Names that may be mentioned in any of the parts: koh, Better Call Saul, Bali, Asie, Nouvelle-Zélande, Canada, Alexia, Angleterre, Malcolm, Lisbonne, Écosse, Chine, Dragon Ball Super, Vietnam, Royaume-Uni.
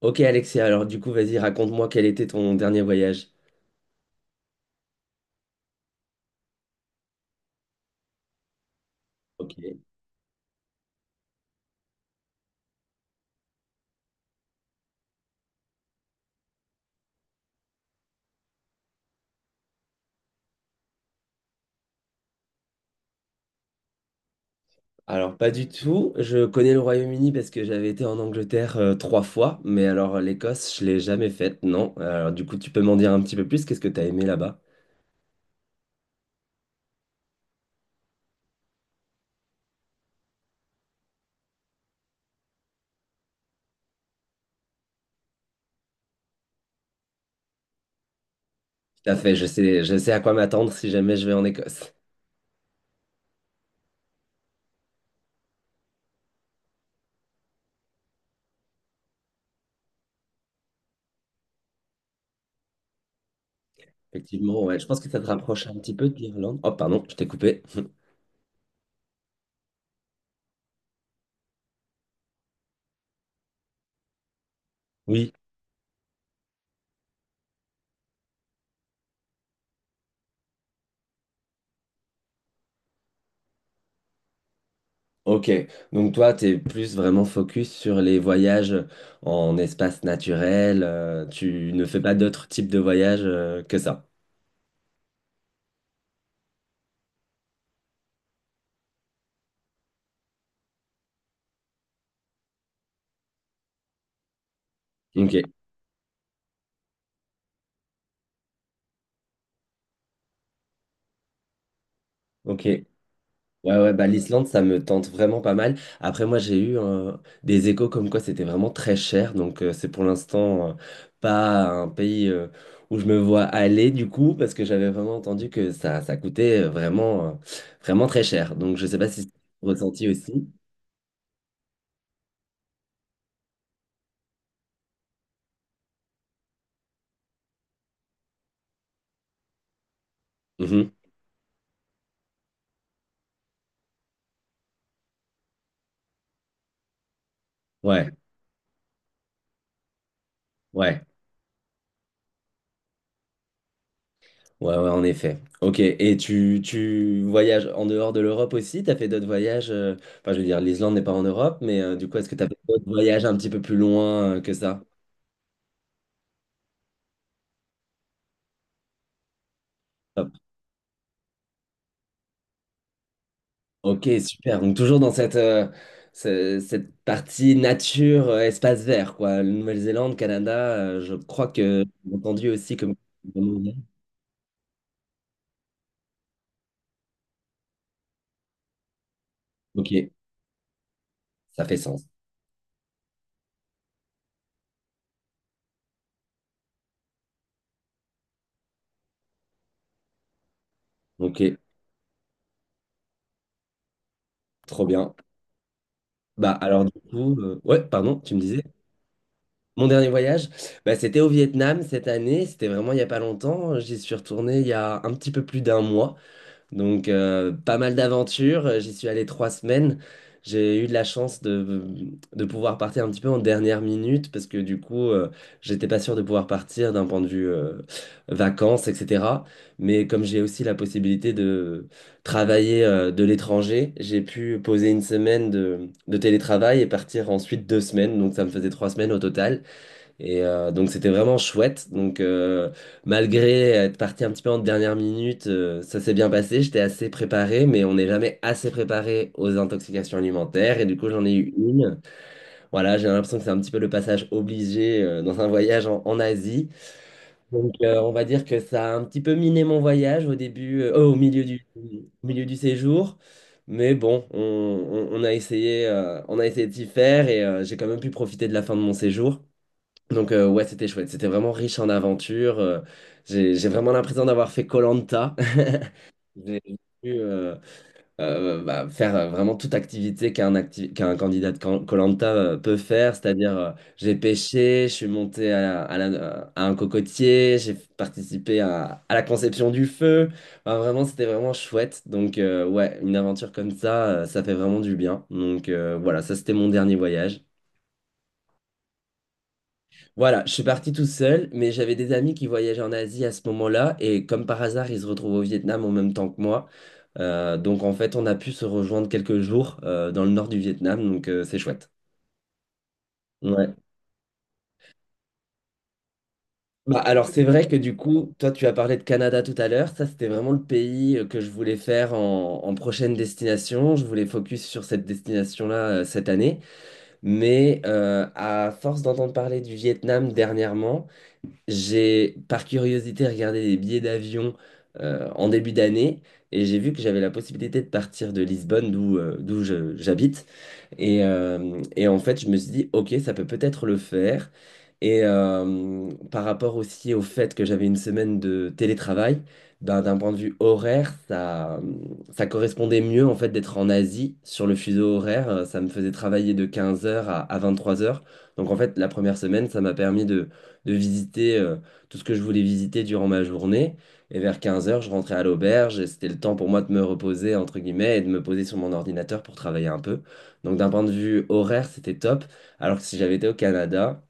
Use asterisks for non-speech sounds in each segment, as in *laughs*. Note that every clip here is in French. Ok Alexia, alors du coup, vas-y, raconte-moi quel était ton dernier voyage. Ok. Alors pas du tout. Je connais le Royaume-Uni parce que j'avais été en Angleterre 3 fois, mais alors l'Écosse, je l'ai jamais faite, non. Alors du coup, tu peux m'en dire un petit peu plus. Qu'est-ce que t'as aimé là-bas? Tout à fait, je sais à quoi m'attendre si jamais je vais en Écosse. Effectivement, ouais, je pense que ça te rapproche un petit peu de l'Irlande. Oh, pardon, je t'ai coupé. Oui. Ok, donc toi, tu es plus vraiment focus sur les voyages en espace naturel, tu ne fais pas d'autres types de voyages que ça. Ok, ok. Ouais, ouais, bah l'Islande, ça me tente vraiment pas mal. Après, moi, j'ai eu des échos comme quoi c'était vraiment très cher, donc c'est pour l'instant pas un pays où je me vois aller du coup, parce que j'avais vraiment entendu que ça coûtait vraiment très cher. Donc je sais pas si c'est ressenti aussi. Mhm. Ouais, ouais. Ouais, ouais, en effet. Ok, et tu voyages en dehors de l'Europe aussi? T'as fait d'autres voyages? Enfin, je veux dire, l'Islande n'est pas en Europe, mais du coup, est-ce que t'as fait d'autres voyages un petit peu plus loin que ça? Hop. Ok, super. Donc, toujours dans cette partie nature, espace vert, quoi. Nouvelle-Zélande, Canada, je crois que j'ai entendu aussi comme... Ok, ça fait sens. Ok, trop bien. Bah, alors, du coup... Ouais, pardon, tu me disais? Mon dernier voyage, bah, c'était au Vietnam cette année. C'était vraiment il n'y a pas longtemps. J'y suis retourné il y a un petit peu plus d'un mois. Donc, pas mal d'aventures. J'y suis allé 3 semaines. J'ai eu de la chance de pouvoir partir un petit peu en dernière minute parce que du coup, j'étais pas sûr de pouvoir partir d'un point de vue vacances, etc. Mais comme j'ai aussi la possibilité de travailler de l'étranger, j'ai pu poser 1 semaine de télétravail et partir ensuite 2 semaines. Donc, ça me faisait 3 semaines au total. Et donc c'était vraiment chouette. Donc malgré être parti un petit peu en dernière minute, ça s'est bien passé. J'étais assez préparé, mais on n'est jamais assez préparé aux intoxications alimentaires. Et du coup j'en ai eu une. Voilà, j'ai l'impression que c'est un petit peu le passage obligé dans un voyage en Asie. Donc on va dire que ça a un petit peu miné mon voyage au début, au milieu du séjour. Mais bon, on a essayé de d'y faire et j'ai quand même pu profiter de la fin de mon séjour. Donc ouais, c'était chouette. C'était vraiment riche en aventures. J'ai vraiment l'impression d'avoir fait koh *laughs* J'ai pu bah, faire vraiment toute activité qu'un candidat de koh peut faire. C'est-à-dire, j'ai pêché, je suis monté à un cocotier, j'ai participé à la conception du feu. Enfin, vraiment, c'était vraiment chouette. Donc ouais, une aventure comme ça, ça fait vraiment du bien. Donc voilà, ça c'était mon dernier voyage. Voilà, je suis parti tout seul, mais j'avais des amis qui voyageaient en Asie à ce moment-là, et comme par hasard, ils se retrouvent au Vietnam en même temps que moi. Donc en fait, on a pu se rejoindre quelques jours dans le nord du Vietnam, donc c'est chouette. Ouais. Bah, alors c'est vrai que du coup, toi tu as parlé de Canada tout à l'heure, ça c'était vraiment le pays que je voulais faire en prochaine destination, je voulais focus sur cette destination-là cette année, mais à force d'entendre parler du Vietnam dernièrement, j'ai, par curiosité, regardé les billets d'avion en début d'année et j'ai vu que j'avais la possibilité de partir de Lisbonne, d'où j'habite, et en fait, je me suis dit, ok, ça peut peut-être le faire. Et par rapport aussi au fait que j'avais 1 semaine de télétravail, ben, d'un point de vue horaire, ça correspondait mieux en fait d'être en Asie sur le fuseau horaire. Ça me faisait travailler de 15 heures à 3 heures. Donc en fait, la première semaine, ça m'a permis de visiter tout ce que je voulais visiter durant ma journée. Et vers 15 heures, je rentrais à l'auberge et c'était le temps pour moi de me reposer, entre guillemets, et de me poser sur mon ordinateur pour travailler un peu. Donc d'un point de vue horaire, c'était top. Alors que si j'avais été au Canada,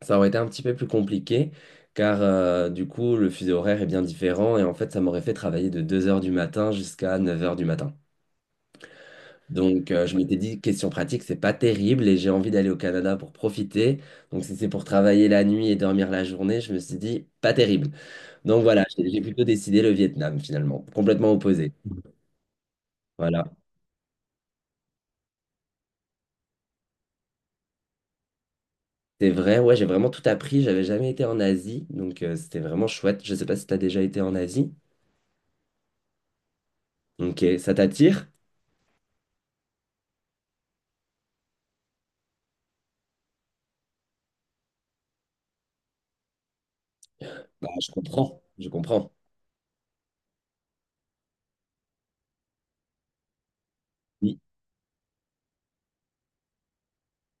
ça aurait été un petit peu plus compliqué, car du coup, le fuseau horaire est bien différent, et en fait, ça m'aurait fait travailler de 2 heures du matin jusqu'à 9 heures du matin. Donc je m'étais dit, question pratique, c'est pas terrible, et j'ai envie d'aller au Canada pour profiter. Donc si c'est pour travailler la nuit et dormir la journée, je me suis dit, pas terrible. Donc voilà, j'ai plutôt décidé le Vietnam finalement, complètement opposé. Voilà. C'est vrai, ouais, j'ai vraiment tout appris. J'avais jamais été en Asie, donc c'était vraiment chouette. Je sais pas si t'as déjà été en Asie. Ok, ça t'attire? Bah, je comprends, je comprends. Oui,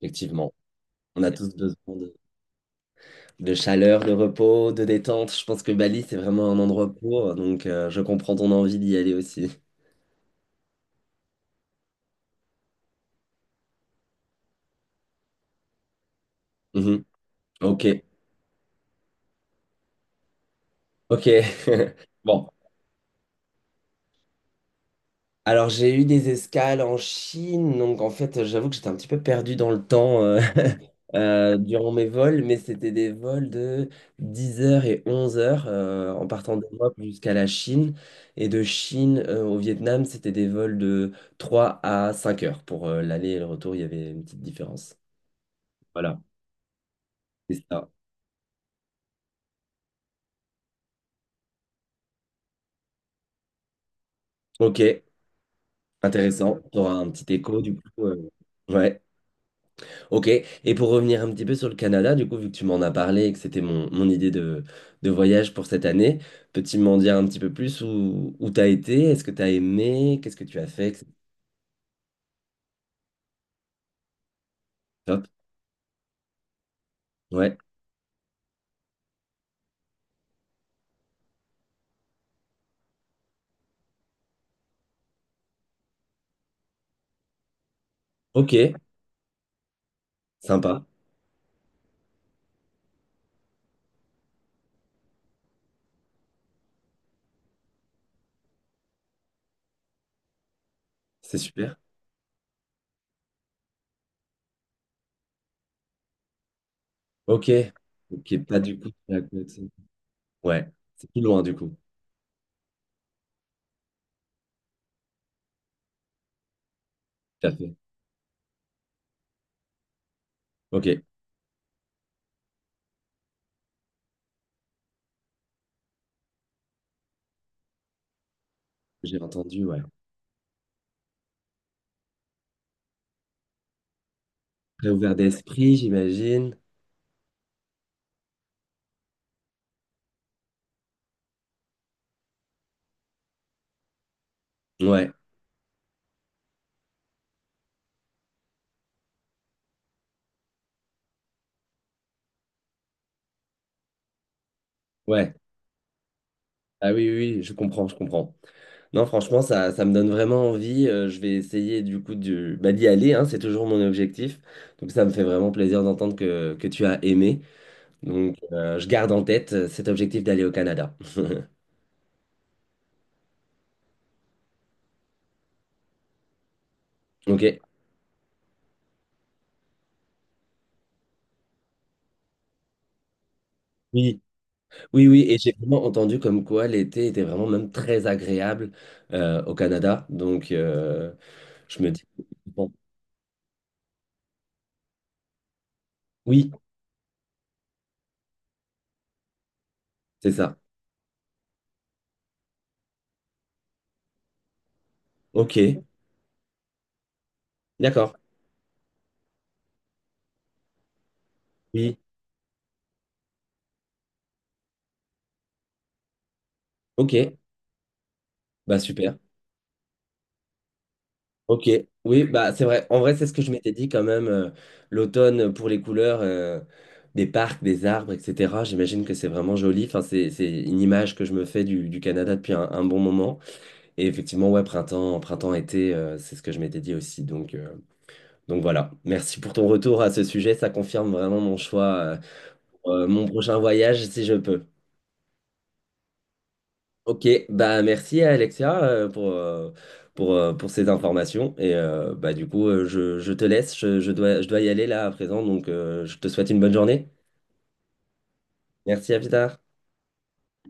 effectivement. On a tous besoin de chaleur, de repos, de détente. Je pense que Bali, c'est vraiment un endroit pour, donc je comprends ton envie d'y aller aussi. Mhm. Ok, ok. *laughs* Bon. Alors, j'ai eu des escales en Chine, donc en fait, j'avoue que j'étais un petit peu perdu dans le temps. *laughs* Durant mes vols, mais c'était des vols de 10 heures et 11h en partant d'Europe jusqu'à la Chine. Et de Chine au Vietnam, c'était des vols de 3 à 5 heures. Pour l'aller et le retour, il y avait une petite différence. Voilà, c'est ça. Ok, intéressant. Tu auras un petit écho du coup. Ouais. Ok, et pour revenir un petit peu sur le Canada, du coup, vu que tu m'en as parlé et que c'était mon idée de voyage pour cette année, peux-tu m'en dire un petit peu plus où t'as été? Est-ce que t'as aimé? Qu'est-ce que tu as fait? Top. Ouais. Ok, sympa. C'est super. Ok. Ok, pas du coup. C'est à côté. Ouais, c'est plus loin du coup. Tout à fait. Ok, j'ai entendu, ouais. Très ouvert d'esprit, j'imagine. Ouais, ouais. Ah oui, oui, oui, je comprends, je comprends. Non, franchement, ça me donne vraiment envie. Je vais essayer du coup bah, d'y aller, hein, c'est toujours mon objectif. Donc ça me fait vraiment plaisir d'entendre que tu as aimé. Donc je garde en tête cet objectif d'aller au Canada. Ok. Oui, oui, oui, et j'ai vraiment entendu comme quoi l'été était vraiment même très agréable au Canada. Donc je me dis, bon, oui, c'est ça. Ok, d'accord. Oui, ok, bah super. Ok, oui, bah c'est vrai. En vrai, c'est ce que je m'étais dit quand même. L'automne pour les couleurs des parcs, des arbres, etc. J'imagine que c'est vraiment joli. Enfin, c'est une image que je me fais du Canada depuis un bon moment. Et effectivement, ouais, printemps, printemps, été, c'est ce que je m'étais dit aussi. Donc voilà. Merci pour ton retour à ce sujet. Ça confirme vraiment mon choix pour, mon prochain voyage si je peux. Ok, bah merci à Alexia pour ces informations. Et bah du coup, je te laisse, je dois y aller là à présent, donc je te souhaite une bonne journée. Merci, à plus tard.